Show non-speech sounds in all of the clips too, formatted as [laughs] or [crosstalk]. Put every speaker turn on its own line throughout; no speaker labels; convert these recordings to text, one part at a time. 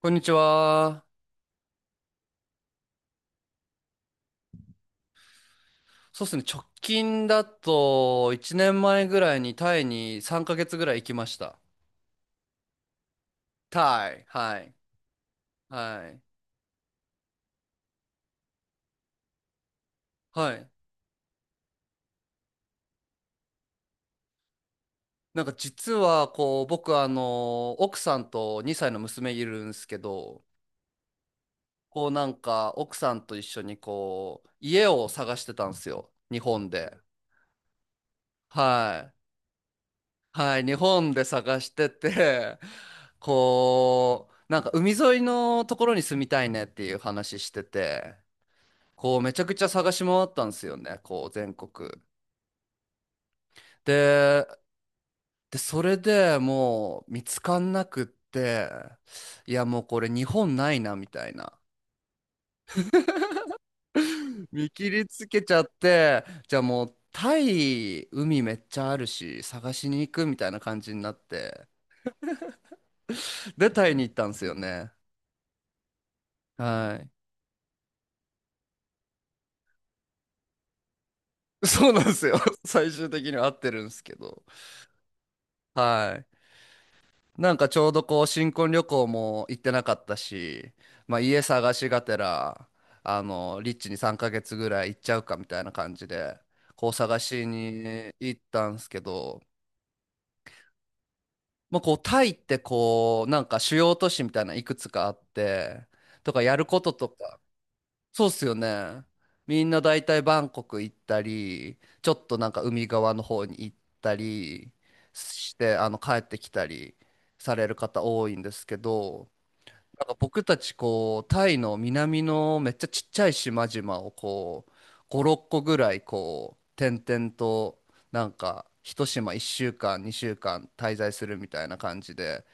こんにちは。そうですね。直近だと、1年前ぐらいにタイに3ヶ月ぐらい行きました。タイ。はい。はい。はい。なんか実は、こう、僕、あの、奥さんと2歳の娘いるんですけど、こう、なんか、奥さんと一緒に、こう、家を探してたんですよ。日本で。はい。はい。日本で探してて、こう、なんか、海沿いのところに住みたいねっていう話してて、こうめちゃくちゃ探し回ったんですよね、こう全国。で、それでもう見つかんなくって、いやもうこれ日本ないなみたいな。見切りつけちゃって、じゃあもうタイ海めっちゃあるし探しに行くみたいな感じになって、でタイに行ったんですよね。はい。そうなんですよ。[laughs] 最終的には合ってるんですけど。はい。なんかちょうどこう新婚旅行も行ってなかったし、まあ、家探しがてらあのリッチに3ヶ月ぐらい行っちゃうかみたいな感じでこう探しに行ったんですけど、まあ、こうタイってこうなんか主要都市みたいないくつかあって、とかやることとか。そうっすよね。みんな大体バンコク行ったりちょっとなんか海側の方に行ったりしてあの帰ってきたりされる方多いんですけど。なんか僕たちこうタイの南のめっちゃちっちゃい島々をこう5、6個ぐらいこう点々となんか一島1週間2週間滞在するみたいな感じで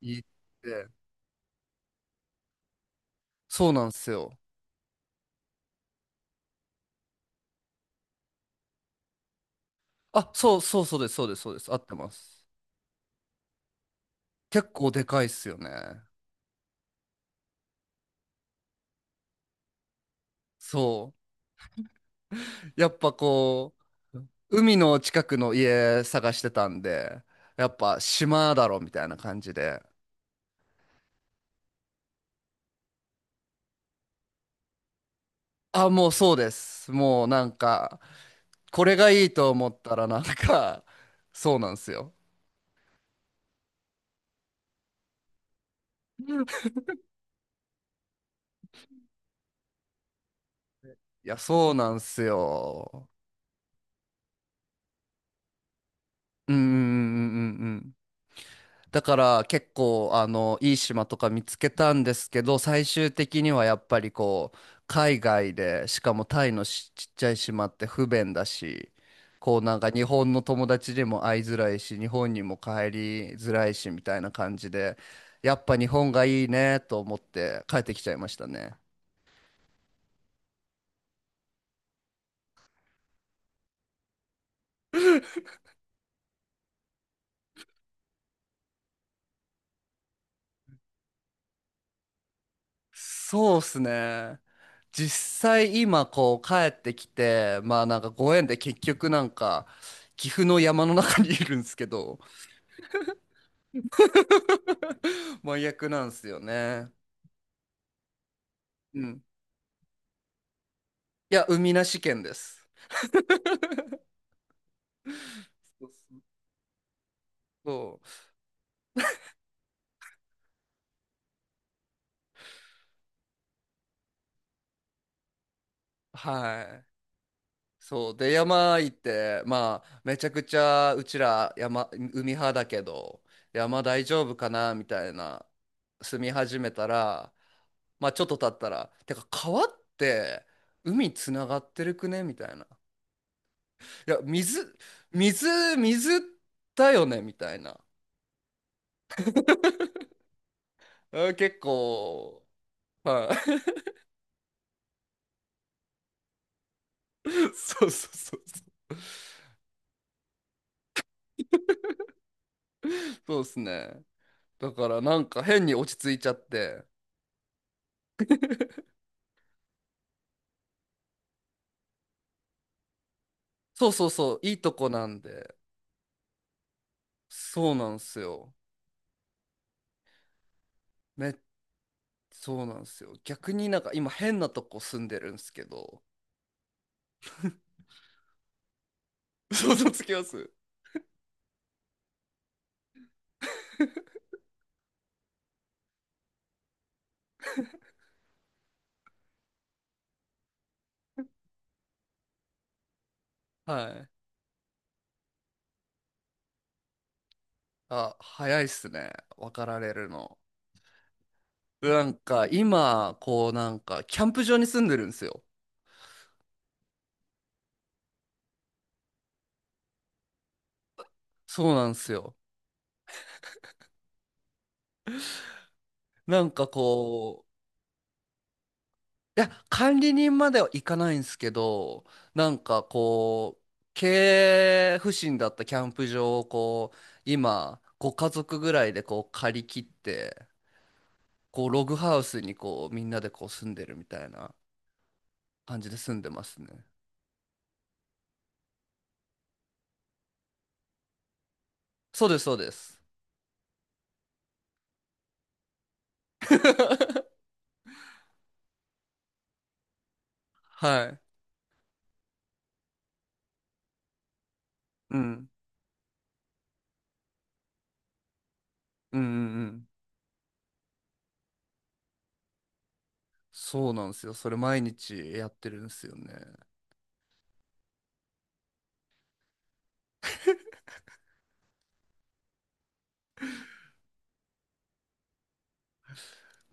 行って、そうなんですよ。あ、そうそう、そうです、そうです、そうです、合ってます。結構でかいっすよね。そう、やっぱこう海の近くの家探してたんで、やっぱ島だろみたいな感じで。あ、もうそうです。もうなんか、これがいいと思ったらなんか、そうなんですよ。いや、そうなんですよ。うんうんうんうんうん。だから結構あのいい島とか見つけたんですけど、最終的にはやっぱりこう海外でしかもタイのしちっちゃい島って不便だし、こうなんか日本の友達にも会いづらいし日本にも帰りづらいしみたいな感じで、やっぱ日本がいいねと思って帰ってきちゃいましたね。そうっすね。実際今こう帰ってきて、まあなんかご縁で結局なんか岐阜の山の中にいるんですけど、[laughs] 真逆なんですよね。うん。いや、海なし県です。そうそうそう。はい。そうで山行って、まあめちゃくちゃうちら山海派だけど山大丈夫かなみたいな。住み始めたらまあちょっと経ったら、てか川って海つながってるくねみたいな、いや水、水、水だよねみたいな。あ結構。はい。 [laughs] そうそうそうそう。で [laughs] すね、だからなんか変に落ち着いちゃって。そうそうそう、いいとこなんで。そうなんすよ。め、そうなんすよ。逆になんか今変なとこ住んでるんすけど。[laughs] 想像つきます。はい。あ、早いっすね。分かられるの。なんか今、こうなんかキャンプ場に住んでるんですよ。そうなんですよ。なんかこう、いや、管理人までは行かないんですけど、なんかこう、経営不振だったキャンプ場をこう、今、ご家族ぐらいでこう借り切って、こうログハウスにこうみんなでこう住んでるみたいな感じで住んでますね。そうです、そうです。[laughs] はい。うん。うんうんうん。そうなんですよ。それ毎日やってるんですよね。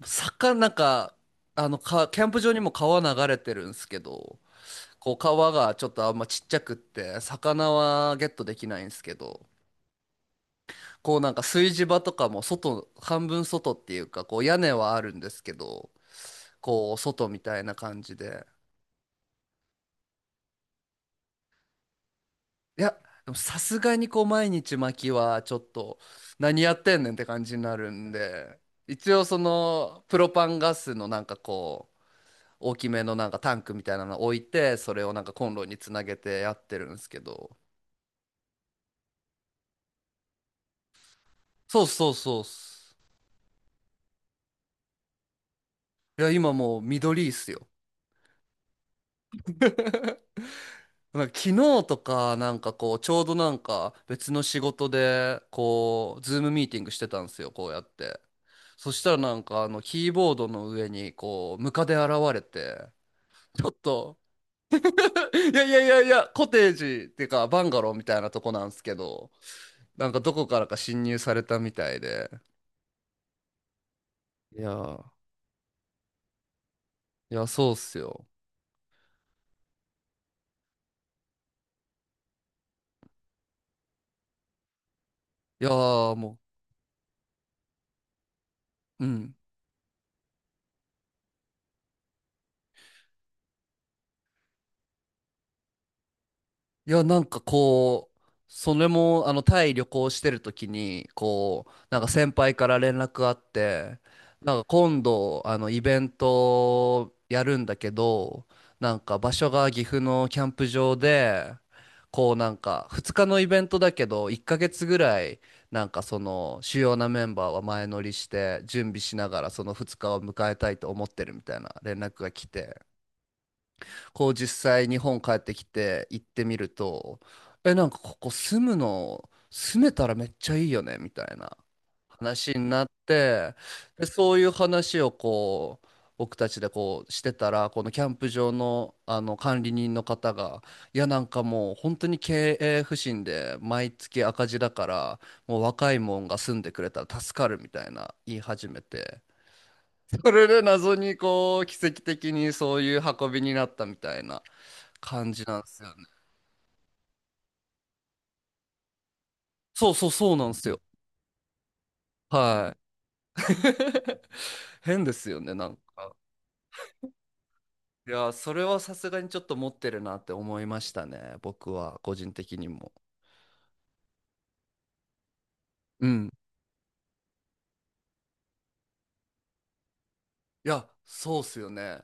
坂、なんか、あの、か、キャンプ場にも川流れてるんですけど、こう川がちょっとあんまちっちゃくって、魚はゲットできないんですけど、こうなんか炊事場とかも外、半分外っていうか、こう屋根はあるんですけど、こう外みたいな感じで。いや、でもさすがにこう毎日巻きはちょっと何やってんねんって感じになるんで、一応そのプロパンガスのなんかこう大きめのなんかタンクみたいなの置いて、それをなんかコンロにつなげてやってるんですけど。そうそうそうっす。いや、今もう緑いっすよ。なんか昨日とかなんかこうちょうどなんか別の仕事でこうズームミーティングしてたんですよ、こうやって。そしたらなんかあのキーボードの上にこうムカデ現れて、ちょっと [laughs] いやいやいやいや、コテージっていうかバンガローみたいなとこなんですけど、なんかどこからか侵入されたみたいで。いやー。いや、そうっすよ。いやー。もう、うん。いや、なんかこう、それも、あの、タイ旅行してる時に、こう、なんか先輩から連絡あって、なんか今度、あの、イベントやるんだけど、なんか場所が岐阜のキャンプ場で、こうなんか2日のイベントだけど、1ヶ月ぐらい、なんかその主要なメンバーは前乗りして準備しながらその2日を迎えたいと思ってるみたいな連絡が来て。こう実際日本帰ってきて行ってみると、え、なんかここ住むの、住めたらめっちゃいいよね、みたいな話になって、で、そういう話をこう、僕たちでこうしてたら、このキャンプ場の、あの管理人の方が、いやなんかもう本当に経営不振で毎月赤字だから、もう若いもんが住んでくれたら助かるみたいな言い始めて、それで謎にこう奇跡的にそういう運びになったみたいな。感じなんですよね。そうそうそうなんですよ。はい。[laughs] 変ですよね、なんか。いや、それはさすがにちょっと持ってるなって思いましたね。僕は、個人的にも。うん。いや、そうっすよね。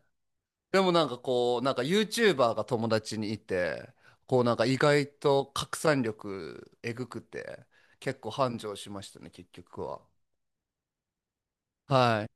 でもなんかこう、なんか YouTuber が友達にいて、こうなんか意外と拡散力えぐくて、結構繁盛しましたね、結局は。はい。